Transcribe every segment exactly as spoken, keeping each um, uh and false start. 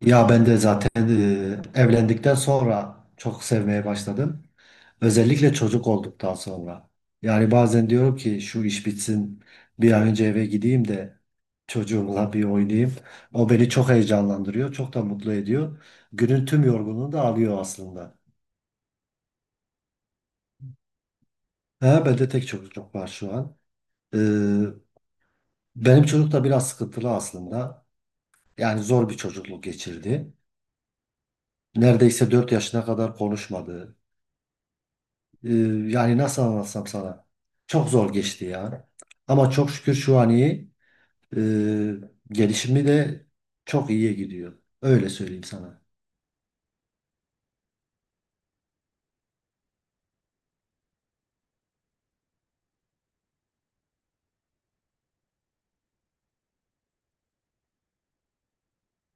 Ya ben de zaten e, evlendikten sonra çok sevmeye başladım. Özellikle çocuk olduktan sonra. Yani bazen diyorum ki şu iş bitsin bir an önce eve gideyim de çocuğumla bir oynayayım. O beni çok heyecanlandırıyor, çok da mutlu ediyor. Günün tüm yorgunluğunu da alıyor aslında. He, bende tek çocuk var şu an. Ee, benim çocuk da biraz sıkıntılı aslında. Yani zor bir çocukluk geçirdi. Neredeyse dört yaşına kadar konuşmadı. Ee, yani nasıl anlatsam sana? Çok zor geçti ya. Ama çok şükür şu an iyi. Ee, gelişimi de çok iyiye gidiyor. Öyle söyleyeyim sana.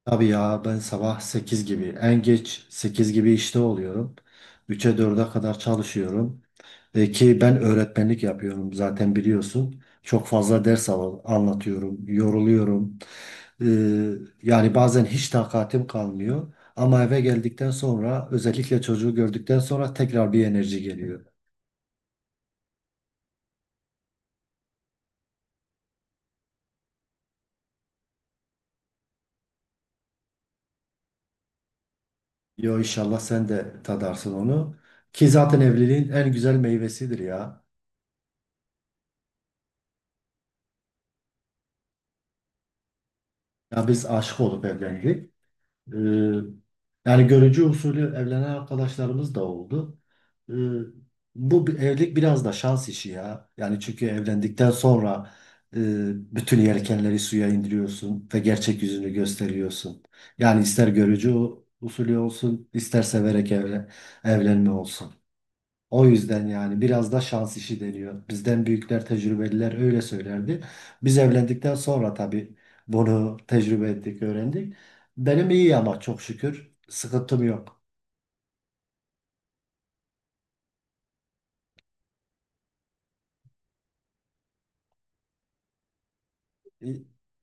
Tabii ya ben sabah sekiz gibi en geç sekiz gibi işte oluyorum. Üçe dörde kadar çalışıyorum. Ee, ki ben öğretmenlik yapıyorum zaten biliyorsun. Çok fazla ders al- anlatıyorum, yoruluyorum. Ee, yani bazen hiç takatim kalmıyor. Ama eve geldikten sonra özellikle çocuğu gördükten sonra tekrar bir enerji geliyor. Yo inşallah sen de tadarsın onu. Ki zaten evliliğin en güzel meyvesidir ya. Ya biz aşık olup evlendik. Ee, yani görücü usulü evlenen arkadaşlarımız da oldu. Ee, bu bir- evlilik biraz da şans işi ya. Yani çünkü evlendikten sonra e, bütün yelkenleri suya indiriyorsun ve gerçek yüzünü gösteriyorsun. Yani ister görücü usulü olsun, ister severek evlen evlenme olsun. O yüzden yani biraz da şans işi deniyor. Bizden büyükler, tecrübeliler öyle söylerdi. Biz evlendikten sonra tabii bunu tecrübe ettik, öğrendik. Benim iyi ama çok şükür sıkıntım yok.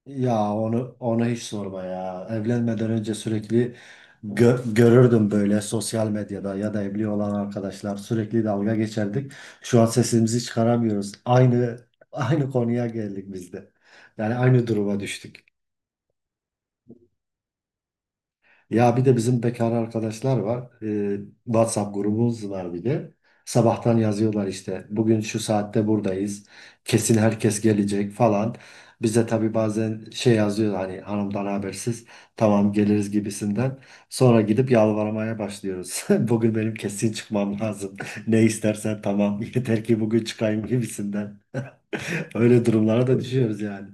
Ya onu onu hiç sorma ya. Evlenmeden önce sürekli gö- görürdüm böyle sosyal medyada ya da evli olan arkadaşlar sürekli dalga geçerdik. Şu an sesimizi çıkaramıyoruz. Aynı aynı konuya geldik biz de. Yani aynı duruma düştük. Ya bir de bizim bekar arkadaşlar var. Ee, WhatsApp grubumuz var bir de. Sabahtan yazıyorlar işte. Bugün şu saatte buradayız. Kesin herkes gelecek falan. Bize tabii bazen şey yazıyor hani hanımdan habersiz. Tamam geliriz gibisinden. Sonra gidip yalvarmaya başlıyoruz. Bugün benim kesin çıkmam lazım. Ne istersen tamam. Yeter ki bugün çıkayım gibisinden. Öyle durumlara da düşüyoruz yani.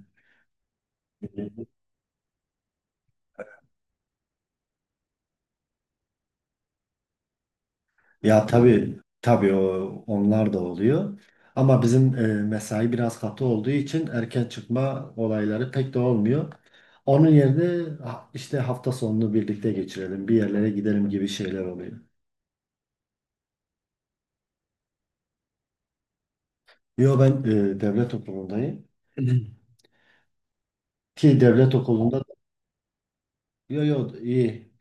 Ya tabii tabii o, onlar da oluyor. Ama bizim e, mesai biraz katı olduğu için erken çıkma olayları pek de olmuyor. Onun yerine ha- işte hafta sonunu birlikte geçirelim, bir yerlere gidelim gibi şeyler oluyor. Yo ben e, devlet okulundayım. Ki devlet okulunda yo yo iyi.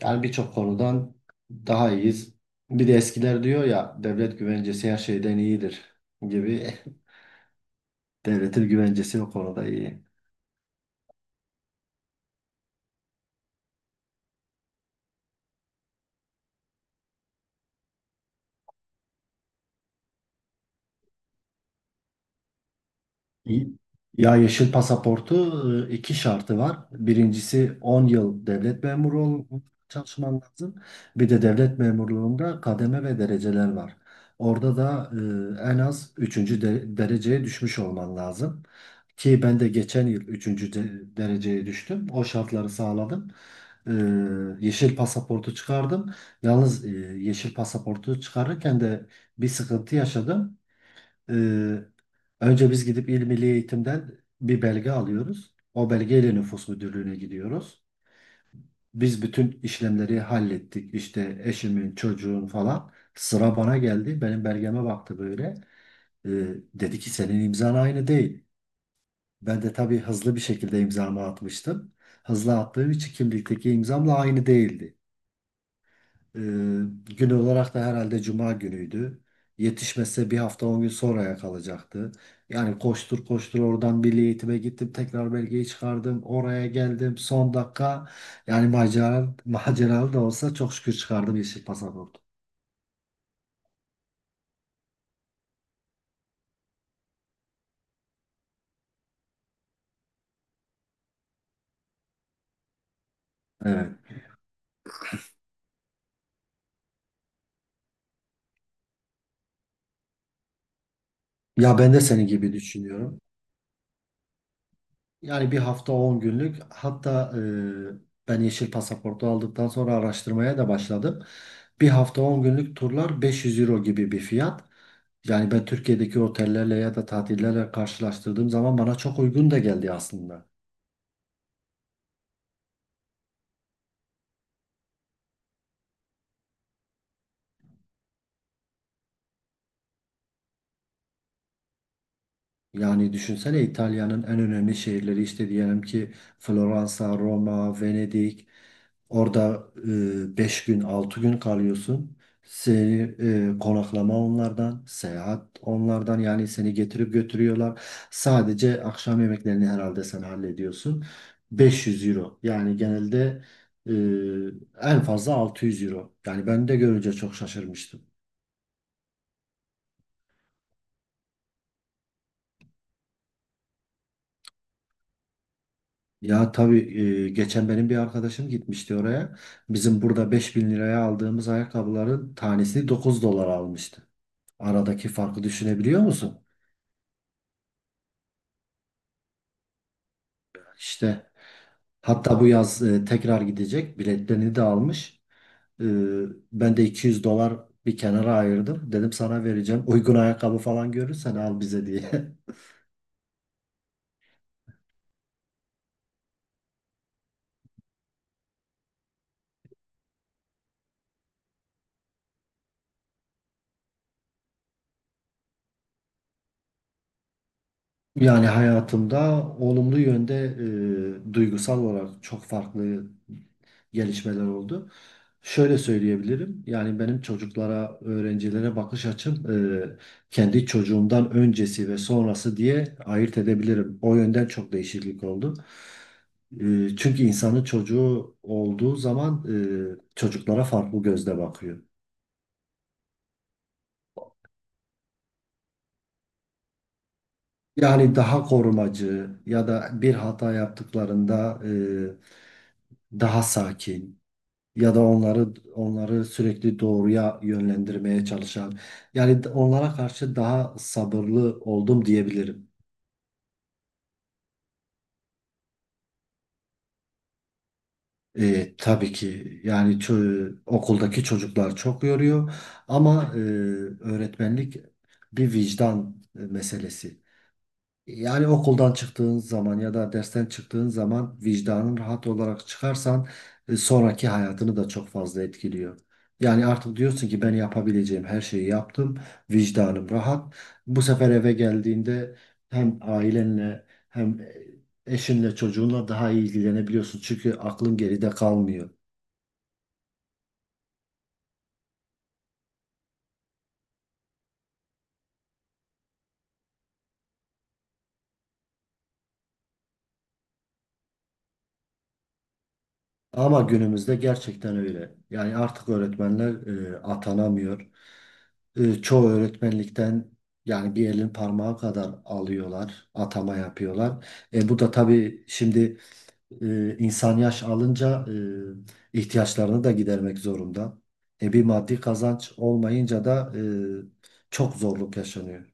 Yani birçok konudan daha iyiyiz. Bir de eskiler diyor ya devlet güvencesi her şeyden iyidir gibi. Devletin güvencesi o konuda iyi. Ya yeşil pasaportu e, iki şartı var. Birincisi on yıl devlet memuru ol- çalışman lazım. Bir de devlet memurluğunda kademe ve dereceler var. Orada da e, en az üçüncü dereceye düşmüş olman lazım. Ki ben de geçen yıl üçüncü dereceye düştüm. O şartları sağladım. E, yeşil pasaportu çıkardım. Yalnız e, yeşil pasaportu çıkarırken de bir sıkıntı yaşadım. Ee, önce biz gidip İl Milli Eğitim'den bir belge alıyoruz. O belgeyle nüfus müdürlüğüne gidiyoruz. Biz bütün işlemleri hallettik. İşte eşimin, çocuğun falan. Sıra bana geldi. Benim belgeme baktı böyle. Ee, dedi ki senin imzan aynı değil. Ben de tabii hızlı bir şekilde imzamı atmıştım. Hızlı attığım için kimlikteki imzamla aynı değildi. Ee, gün olarak da herhalde cuma günüydü. Yetişmese bir hafta on gün sonraya kalacaktı. Yani koştur koştur oradan milli eğitime gittim. Tekrar belgeyi çıkardım. Oraya geldim. Son dakika yani macera, maceralı da olsa çok şükür çıkardım yeşil pasaport. Evet. Ya ben de senin gibi düşünüyorum. Yani bir hafta on günlük hatta e, ben yeşil pasaportu aldıktan sonra araştırmaya da başladım. Bir hafta on günlük turlar beş yüz euro gibi bir fiyat. Yani ben Türkiye'deki otellerle ya da tatillerle karşılaştırdığım zaman bana çok uygun da geldi aslında. Yani düşünsene İtalya'nın en önemli şehirleri işte diyelim ki Floransa, Roma, Venedik. Orada e, beş gün altı gün kalıyorsun. Seni e, konaklama onlardan, seyahat onlardan yani seni getirip götürüyorlar. Sadece akşam yemeklerini herhalde sen hallediyorsun. beş yüz euro yani genelde e, en fazla altı yüz euro. Yani ben de görünce çok şaşırmıştım. Ya tabii e, geçen benim bir arkadaşım gitmişti oraya. Bizim burada beş bin liraya aldığımız ayakkabıların tanesini dokuz dolara almıştı. Aradaki farkı düşünebiliyor musun? İşte hatta bu yaz e, tekrar gidecek. Biletlerini de almış. E, ben de iki yüz dolar bir kenara ayırdım. Dedim sana vereceğim. Uygun ayakkabı falan görürsen al bize diye. Yani hayatımda olumlu yönde e, duygusal olarak çok farklı gelişmeler oldu. Şöyle söyleyebilirim. Yani benim çocuklara, öğrencilere bakış açım e, kendi çocuğumdan öncesi ve sonrası diye ayırt edebilirim. O yönden çok değişiklik oldu. E, çünkü insanın çocuğu olduğu zaman e, çocuklara farklı gözle bakıyor. Yani daha korumacı ya da bir hata yaptıklarında e, daha sakin. Ya da onları onları sürekli doğruya yönlendirmeye çalışan yani onlara karşı daha sabırlı oldum diyebilirim. Ee, tabii ki yani çö- okuldaki çocuklar çok yoruyor ama e, öğretmenlik bir vicdan e, meselesi. Yani okuldan çıktığın zaman ya da dersten çıktığın zaman vicdanın rahat olarak çıkarsan e, sonraki hayatını da çok fazla etkiliyor. Yani artık diyorsun ki ben yapabileceğim her şeyi yaptım, vicdanım rahat. Bu sefer eve geldiğinde hem ailenle hem e, eşinle çocuğunla daha iyi ilgilenebiliyorsun. Çünkü aklın geride kalmıyor. Ama günümüzde gerçekten öyle. Yani artık öğretmenler e, atanamıyor. E, çoğu öğretmenlikten yani bir elin parmağı kadar alıyorlar, atama yapıyorlar. E, bu da tabii şimdi e, insan yaş alınca e, ihtiyaçlarını da gidermek zorunda. E, bir maddi kazanç olmayınca da e, çok zorluk yaşanıyor.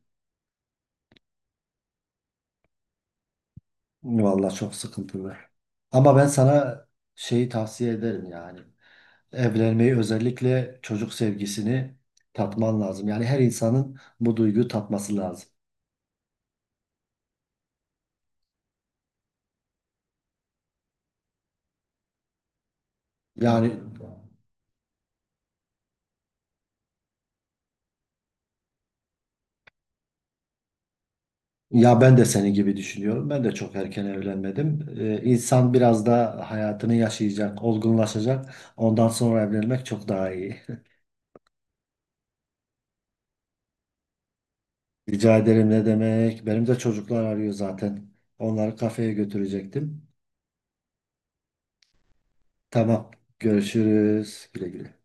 Vallahi çok sıkıntılı. Ama ben sana şeyi tavsiye ederim yani. Evlenmeyi özellikle çocuk sevgisini tatman lazım. Yani her insanın bu duyguyu tatması lazım. Yani ya ben de senin gibi düşünüyorum. Ben de çok erken evlenmedim. Ee, insan biraz da hayatını yaşayacak, olgunlaşacak. Ondan sonra evlenmek çok daha iyi. Rica ederim ne demek. Benim de çocuklar arıyor zaten. Onları kafeye götürecektim. Tamam. Görüşürüz. Güle güle.